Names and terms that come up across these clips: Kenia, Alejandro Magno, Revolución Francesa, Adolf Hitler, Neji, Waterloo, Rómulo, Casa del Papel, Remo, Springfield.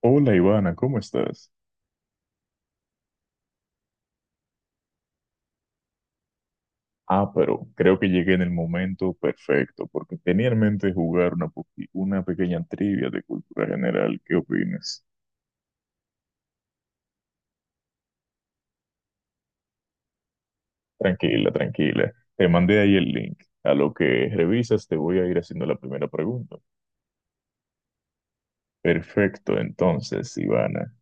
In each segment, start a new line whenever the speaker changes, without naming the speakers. Hola Ivana, ¿cómo estás? Ah, pero creo que llegué en el momento perfecto, porque tenía en mente jugar una pequeña trivia de cultura general. ¿Qué opinas? Tranquila, tranquila. Te mandé ahí el link. A lo que revisas te voy a ir haciendo la primera pregunta. Perfecto, entonces, Ivana.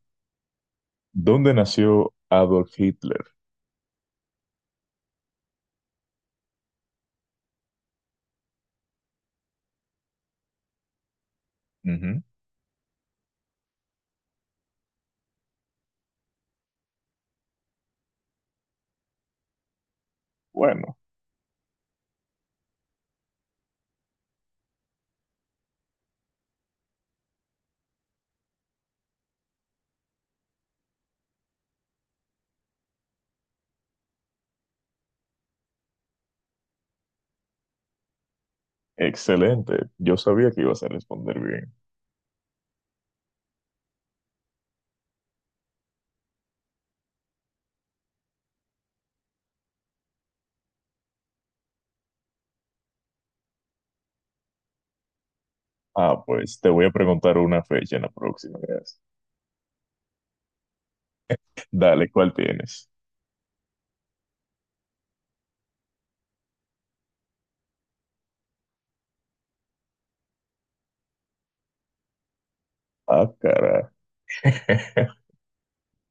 ¿Dónde nació Adolf Hitler? Ujú. Bueno, excelente. Yo sabía que ibas a responder bien. Ah, pues te voy a preguntar una fecha en la próxima, gracias. Dale, ¿cuál tienes? Ah, caray.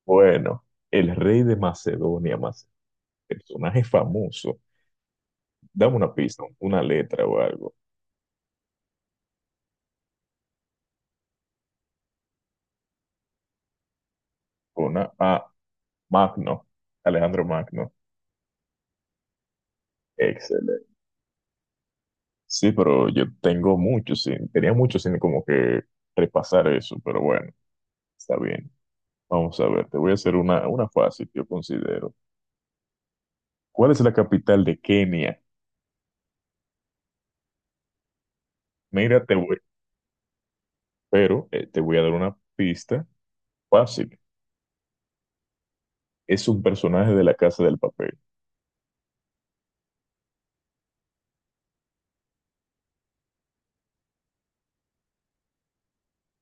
Bueno, el rey de Macedonia, personaje famoso. Dame una pista, una letra o algo. Una A, Magno, Alejandro Magno. Excelente. Sí, pero yo tengo mucho, sin, tenía mucho sin como que repasar eso, pero bueno, está bien. Vamos a ver, te voy a hacer una fácil yo considero. ¿Cuál es la capital de Kenia? Mira, te voy, pero te voy a dar una pista fácil. Es un personaje de la Casa del Papel.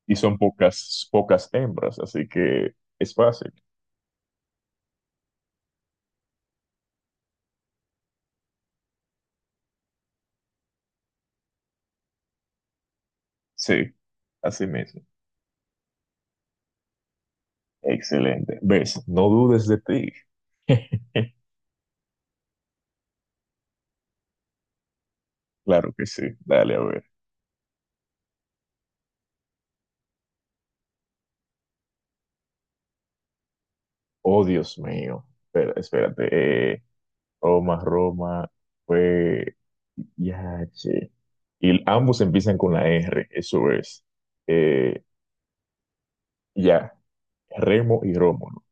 Y son pocas, pocas hembras, así que es fácil. Sí, así mismo. Excelente. ¿Ves? No dudes de ti. Claro que sí. Dale, a ver. Oh, Dios mío. Espera, espérate. Roma, fue. Ya, che. Y ambos empiezan con la R, eso es. Eh, ya, Remo y Rómulo.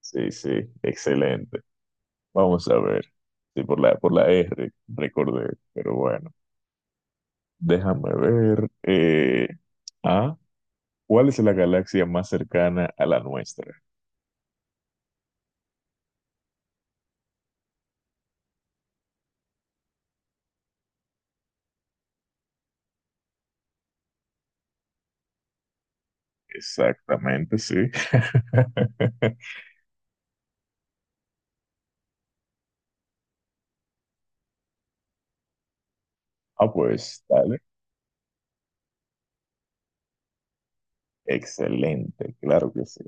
Sí, sí, excelente. Vamos a ver. Sí, por la R, recordé, pero bueno. Déjame ver. Ah, ¿Cuál es la galaxia más cercana a la nuestra? Exactamente, sí. Ah, pues, dale. Excelente, claro que sí.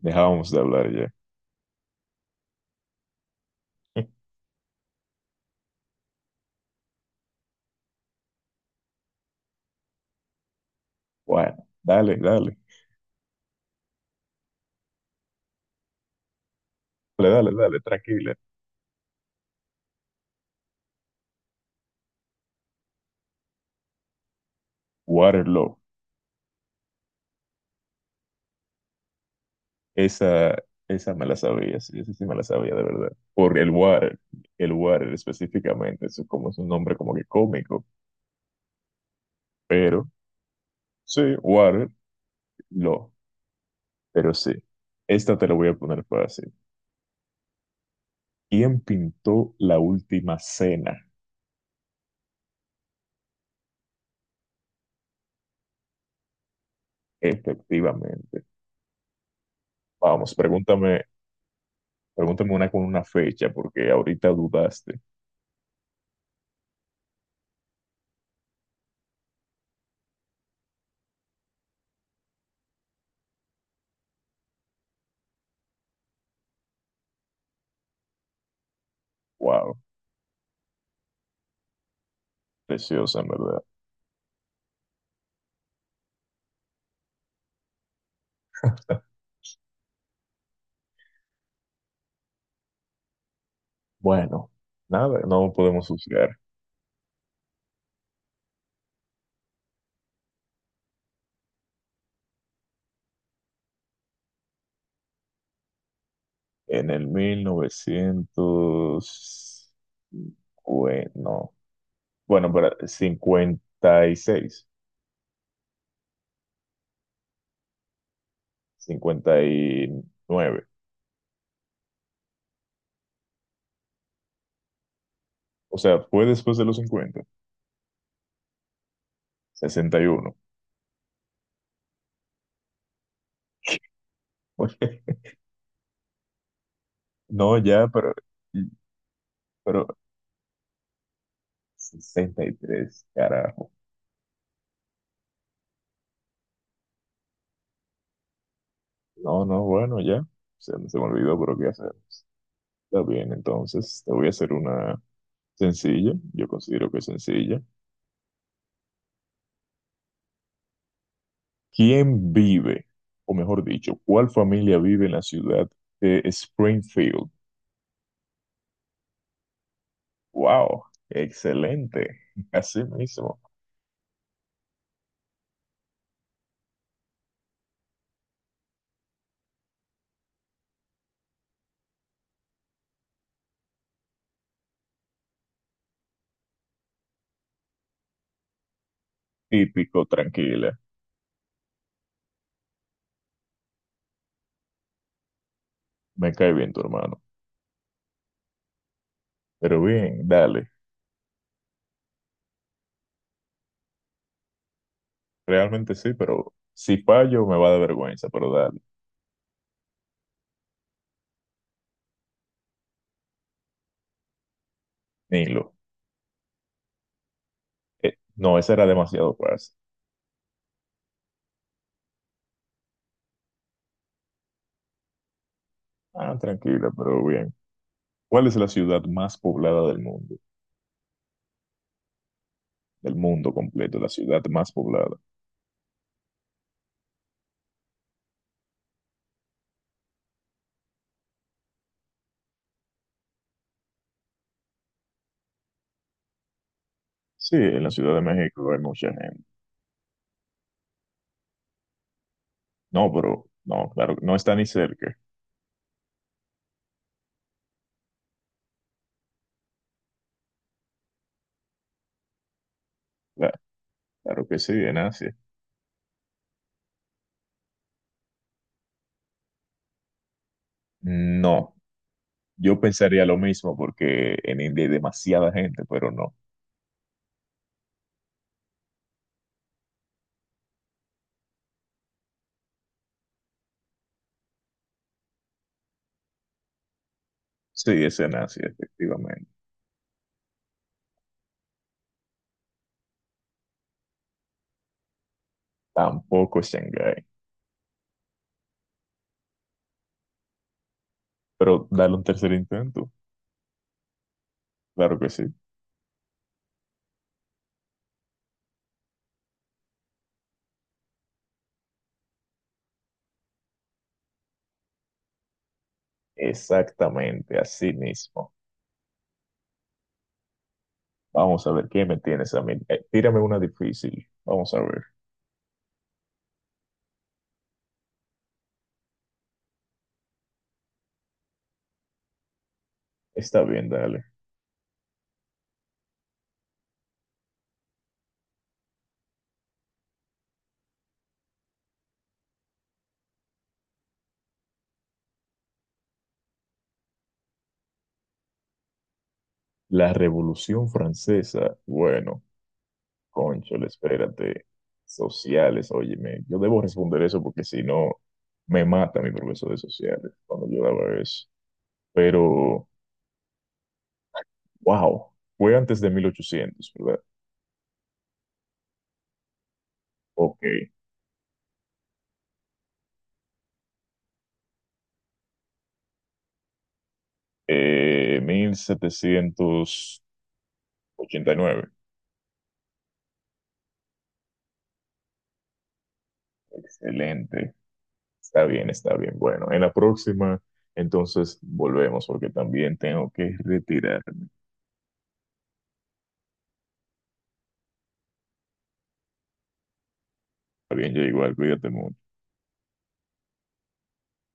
Dejábamos de hablar ya. Bueno, dale, dale. Dale, dale, dale, tranquila. Waterloo. Esa, esa me la sabía, sí, esa sí me la sabía de verdad. Por el water específicamente, eso como es un nombre como que cómico, pero sí, water, pero sí, esta te la voy a poner fácil. ¿Quién pintó la última cena? Efectivamente. Vamos, pregúntame una con una fecha, porque ahorita dudaste. Wow, preciosa, en verdad. Bueno, nada, no podemos juzgar. En el 1900 bueno, bueno, para cincuenta y seis, cincuenta y nueve. O sea, fue después de los cincuenta, sesenta y uno. No, ya, pero 63 carajo. No, no, bueno, ya. Se me olvidó, pero ¿qué hacemos? Está bien, entonces te voy a hacer una sencilla. Yo considero que es sencilla. ¿Quién vive, o mejor dicho, cuál familia vive en la ciudad de Springfield? ¡Wow! Excelente. Así mismo. Típico, tranquila. Me cae bien tu hermano. Pero bien, dale. Realmente sí, pero si fallo me va a dar vergüenza, pero dale. Nilo. No, esa era demasiado fácil. Ah, tranquila, pero bien. ¿Cuál es la ciudad más poblada del mundo? Del mundo completo, la ciudad más poblada. Sí, en la Ciudad de México hay mucha gente. No, pero no, claro, no está ni cerca. Cla- Claro, que sí, en Asia. No, yo pensaría lo mismo porque en India hay demasiada gente, pero no. Sí, es en Asia, efectivamente. Tampoco es Shanghái. Pero dale un tercer intento. Claro que sí. Exactamente, así mismo. Vamos a ver, ¿qué me tienes a mí? Tírame una difícil. Vamos a ver. Está bien, dale. La Revolución Francesa. Bueno, cónchale, espérate. Sociales, óyeme. Yo debo responder eso porque si no, me mata mi profesor de sociales cuando yo daba eso. Pero, wow, fue antes de 1800, ¿verdad? Ok. 1789. Excelente. Está bien, está bien. Bueno, en la próxima, entonces volvemos porque también tengo que retirarme. Está bien, yo igual, cuídate mucho.